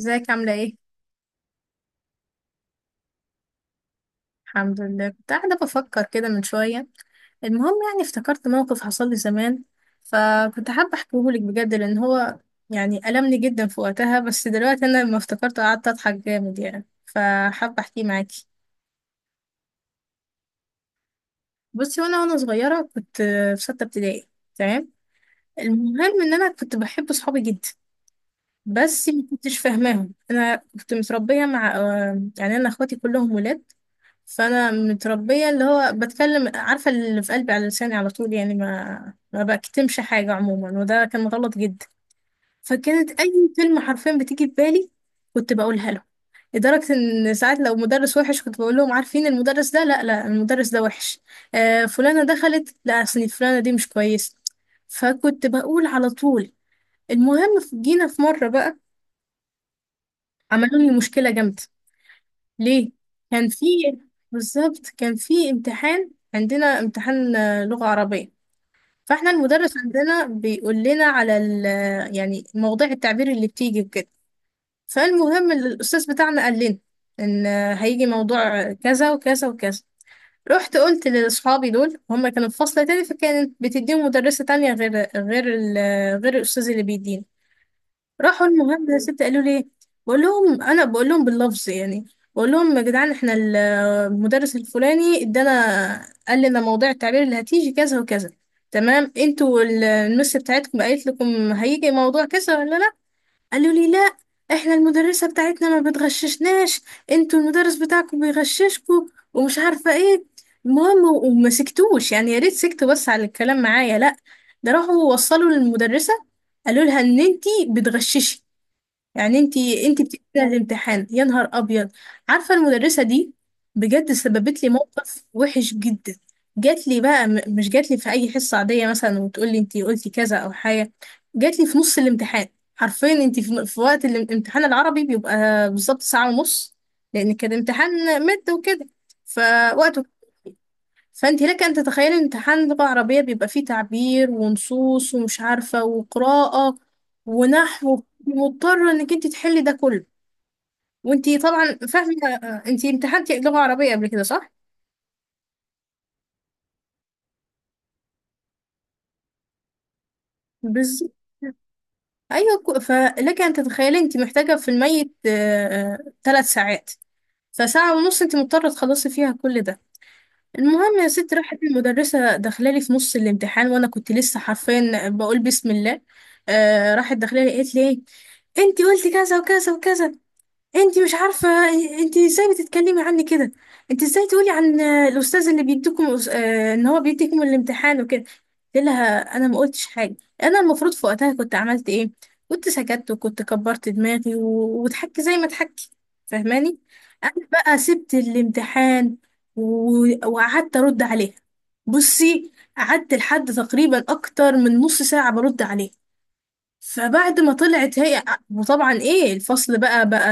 ازيك عاملة ايه؟ الحمد لله كنت قاعدة بفكر كده من شوية. المهم يعني افتكرت موقف حصل لي زمان، فكنت حابة احكيهولك بجد لأن هو يعني ألمني جدا في وقتها، بس دلوقتي أنا لما افتكرته قعدت أضحك جامد يعني، فحابة أحكيه معاكي. بصي، وأنا صغيرة كنت في ستة ابتدائي. تمام. المهم إن أنا كنت بحب صحابي جدا، بس ما كنتش فاهماهم. أنا كنت متربية مع يعني أنا أخواتي كلهم ولاد، فانا متربيه اللي هو بتكلم، عارفه اللي في قلبي على لساني على طول يعني، ما بكتمش حاجه عموما، وده كان غلط جدا. فكانت اي كلمه حرفيا بتيجي في بالي كنت بقولها له، لدرجه ان ساعات لو مدرس وحش كنت بقول لهم: عارفين المدرس ده، لا لا، المدرس ده وحش. آه فلانه دخلت، لا اصل فلانه دي مش كويسه، فكنت بقول على طول. المهم جينا في مره بقى، عملوا لي مشكله جامده. ليه؟ كان في، بالظبط كان في امتحان، عندنا امتحان لغة عربية. فاحنا المدرس عندنا بيقول لنا على ال، يعني مواضيع التعبير اللي بتيجي وكده. فالمهم الأستاذ بتاعنا قال لنا إن هيجي موضوع كذا وكذا وكذا. رحت قلت لأصحابي، دول هم كانوا في فصل تاني فكانت بتديهم مدرسة تانية غير، غير الأستاذ اللي بيدينا. راحوا المهم يا ستي قالوا لي، بقول لهم، انا بقول لهم باللفظ يعني، بقول لهم: يا جدعان احنا المدرس الفلاني ادانا قال لنا موضوع التعبير اللي هتيجي كذا وكذا، تمام؟ انتوا المس بتاعتكم قالت لكم هيجي موضوع كذا ولا لا؟ قالوا لي: لا، احنا المدرسة بتاعتنا ما بتغششناش، انتوا المدرس بتاعكم بيغششكوا، ومش عارفة ايه. المهم وما سكتوش يعني، يا ريت سكتوا بس على الكلام معايا، لا، ده راحوا وصلوا للمدرسة قالوا لها ان انتي بتغششي، يعني انتي بتيجي كده الامتحان. يا نهار ابيض، عارفه المدرسه دي بجد سببت لي موقف وحش جدا. جات لي بقى، مش جات لي في اي حصه عاديه مثلا وتقول لي انتي قلتي كذا او حاجه، جات لي في نص الامتحان، حرفيا. انتي في وقت الامتحان العربي بيبقى بالظبط ساعه ونص، لان كان امتحان مد وكده. فوقت، فانت لك ان تتخيلي ان امتحان لغة عربية بيبقى فيه تعبير ونصوص ومش عارفة وقراءة ونحو، مضطرة انك انت تحلي ده كله وانت طبعا فاهمة. انت امتحنتي لغة عربية قبل كده صح؟ بز... ايوه، فلك ان تتخيلي انت محتاجة في الميت 3 ساعات، فساعة ونص انت مضطرة تخلصي فيها كل ده. المهم يا ستي راحت المدرسة داخلالي في نص الامتحان وانا كنت لسه حرفيا بقول بسم الله. آه راحت داخلالي قالت لي: ايه، انتي قلتي كذا وكذا وكذا، انت مش عارفه، انت ازاي بتتكلمي عني كده، انت ازاي تقولي عن الاستاذ اللي بيديكم ان هو بيديكم الامتحان وكده. قلت لها: انا ما قلتش حاجه. انا المفروض في وقتها كنت عملت ايه؟ كنت سكت وكنت كبرت دماغي وضحكت زي ما ضحكت، فاهماني؟ انا بقى سبت الامتحان وقعدت ارد عليها. بصي، قعدت لحد تقريبا اكتر من نص ساعه برد عليها. فبعد ما طلعت هي، وطبعا ايه الفصل بقى،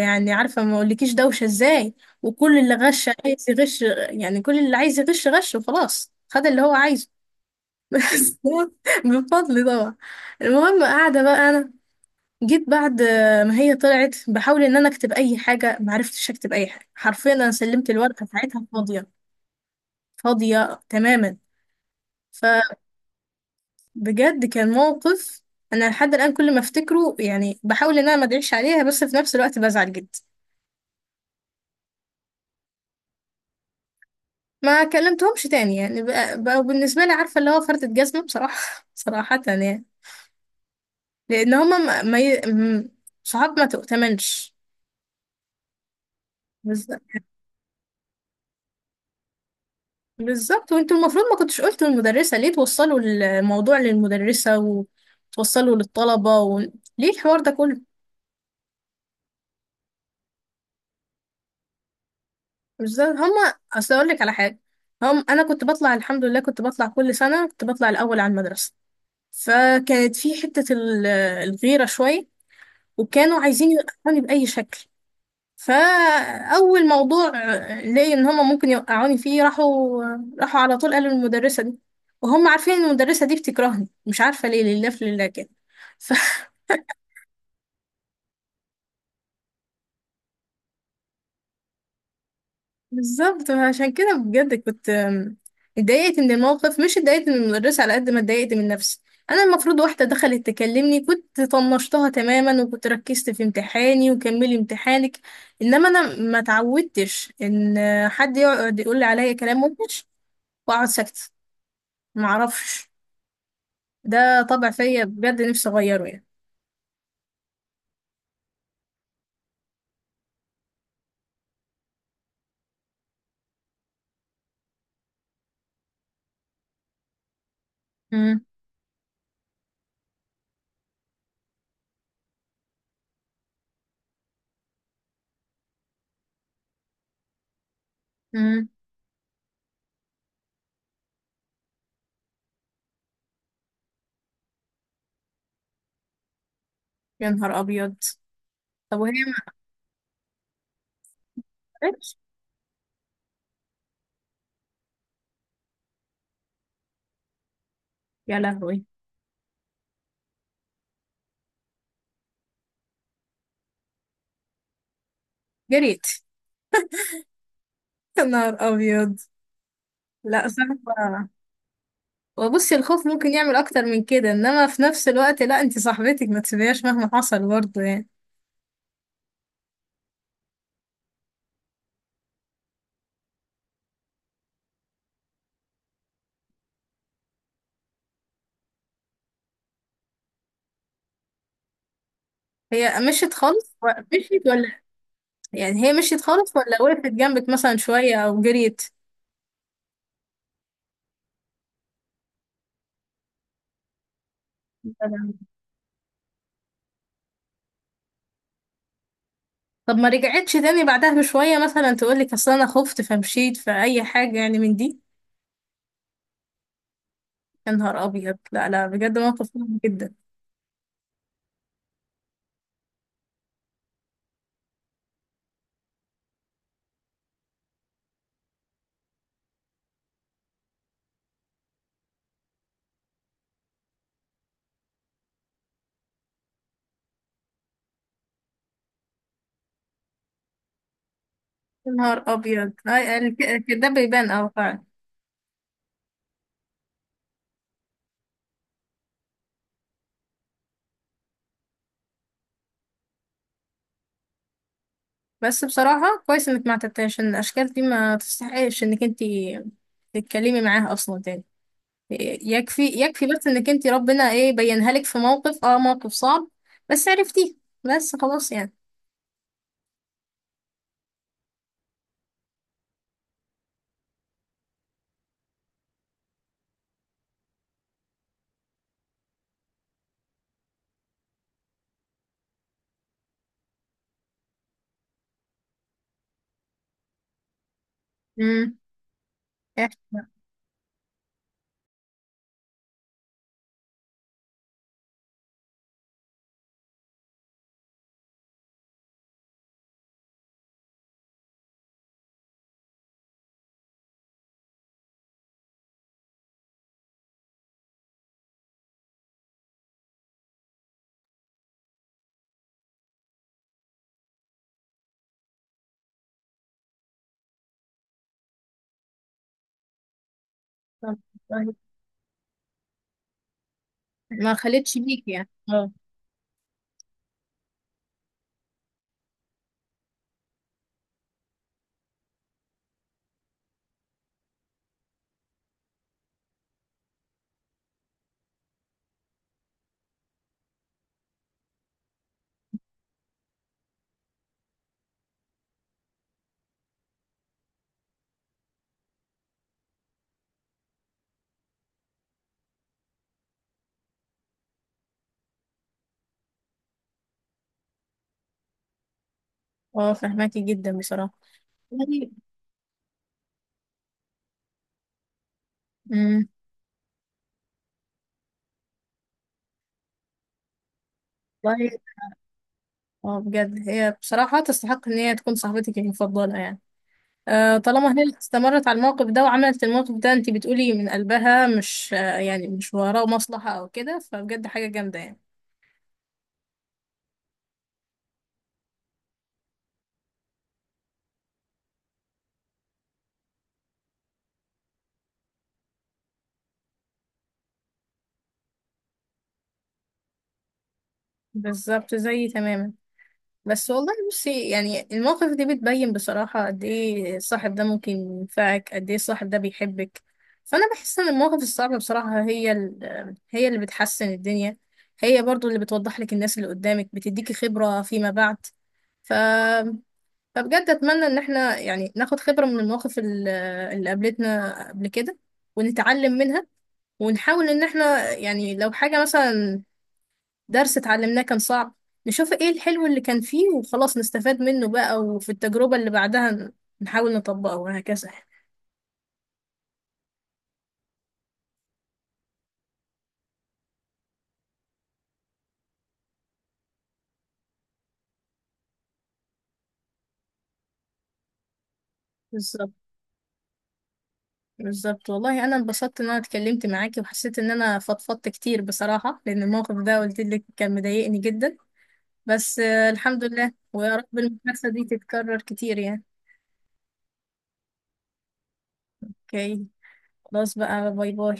يعني عارفة ما اقولكيش دوشة ازاي، وكل اللي غش عايز يغش، يعني كل اللي عايز يغش غش وخلاص خد اللي هو عايزه. بس هو بفضل طبعا. المهم قاعدة بقى انا، جيت بعد ما هي طلعت بحاول ان انا اكتب اي حاجة، معرفتش اكتب اي حاجة حرفيا، انا سلمت الورقة بتاعتها فاضية، فاضية تماما. بجد كان موقف، انا لحد الان كل ما افتكره يعني بحاول ان انا ما ادعيش عليها، بس في نفس الوقت بزعل جدا. ما كلمتهمش تاني يعني، بقوا بالنسبه لي عارفه اللي هو فردة جزمه بصراحه صراحه يعني، لان هما ما ما ي... م- صحاب ما تؤتمنش. بالظبط، بالظبط، وانتوا المفروض ما كنتش قلتوا للمدرسه، ليه توصلوا الموضوع للمدرسه وتوصلوا للطلبه و... ليه الحوار ده كله؟ بالظبط. هما اصل اقول لك على حاجه، هم انا كنت بطلع، الحمد لله كنت بطلع كل سنه، كنت بطلع الاول على المدرسه، فكانت في حتة الغيرة شوية، وكانوا عايزين يوقعوني بأي شكل. فأول موضوع لقي إن هما ممكن يوقعوني فيه راحوا، راحوا على طول قالوا للمدرسة دي، وهم عارفين إن المدرسة دي بتكرهني مش عارفة ليه، لله في لله كده. بالظبط، عشان كده بجد كنت اتضايقت من الموقف، مش اتضايقت من المدرسة على قد ما اتضايقت من نفسي. انا المفروض واحدة دخلت تكلمني كنت طنشتها تماما وكنت ركزت في امتحاني وكملي امتحانك، انما انا ما اتعودتش ان حد يقعد يقول لي عليا كلام وحش واقعد ساكتة. ما اعرفش، ده طبع فيا بجد، نفسي اغيره يعني. امم. امم. يا نهار ابيض، طب وهي ما عرفتش. يا لهوي. جريت. يا نهار ابيض، لا صعبة. وبصي الخوف ممكن يعمل اكتر من كده، انما في نفس الوقت لا، انت صاحبتك ما تسيبيهاش مهما حصل برضه يعني. هي مشيت خالص مشيت ولا يعني هي مشيت خالص ولا وقفت جنبك مثلا شوية او جريت؟ طب ما رجعتش تاني بعدها بشوية مثلا تقولك اصل انا خفت فمشيت فأي حاجة يعني من دي؟ يا نهار ابيض، لا لا بجد موقف صعب جدا. يا نهار ابيض، ده بيبان اه فعلا. بس بصراحة كويس انك ما اعتبتهاش، ان الاشكال دي ما تستحقش انك انتي تتكلمي معاها اصلا تاني. يكفي يكفي بس انك انت ربنا ايه بينها لك في موقف، اه موقف صعب بس عرفتيه، بس خلاص يعني. امم. احكي بقى. طب، طيب. ما خلتش بيك يعني، اه. اه فهماكي جدا بصراحة. طيب. امم. طيب. اه بجد هي بصراحة تستحق ان هي تكون صاحبتك المفضلة يعني، آه طالما هي اللي استمرت على الموقف ده وعملت الموقف ده انت بتقولي من قلبها، مش يعني مش وراه مصلحة او كده، فبجد حاجة جامدة يعني. بالظبط زيي تماما. بس والله بصي يعني المواقف دي بتبين بصراحة قد ايه الصاحب ده ممكن ينفعك، قد ايه الصاحب ده بيحبك. فأنا بحس إن المواقف الصعبة بصراحة هي اللي بتحسن الدنيا. هي برضو اللي بتوضح لك الناس اللي قدامك، بتديكي خبرة فيما بعد. ف... فبجد أتمنى إن احنا يعني ناخد خبرة من المواقف اللي قابلتنا قبل كده ونتعلم منها، ونحاول إن احنا يعني لو حاجة مثلا درس اتعلمناه كان صعب نشوف ايه الحلو اللي كان فيه وخلاص نستفاد منه بقى، وفي التجربة اللي بعدها نحاول نطبقه وهكذا. بالظبط، بالظبط، والله انا انبسطت ان انا اتكلمت معاكي وحسيت ان انا فضفضت كتير بصراحة، لان الموقف ده قلت لك كان مضايقني جدا، بس الحمد لله، ويا رب المحادثة دي تتكرر كتير يعني. اوكي، خلاص بقى، باي باي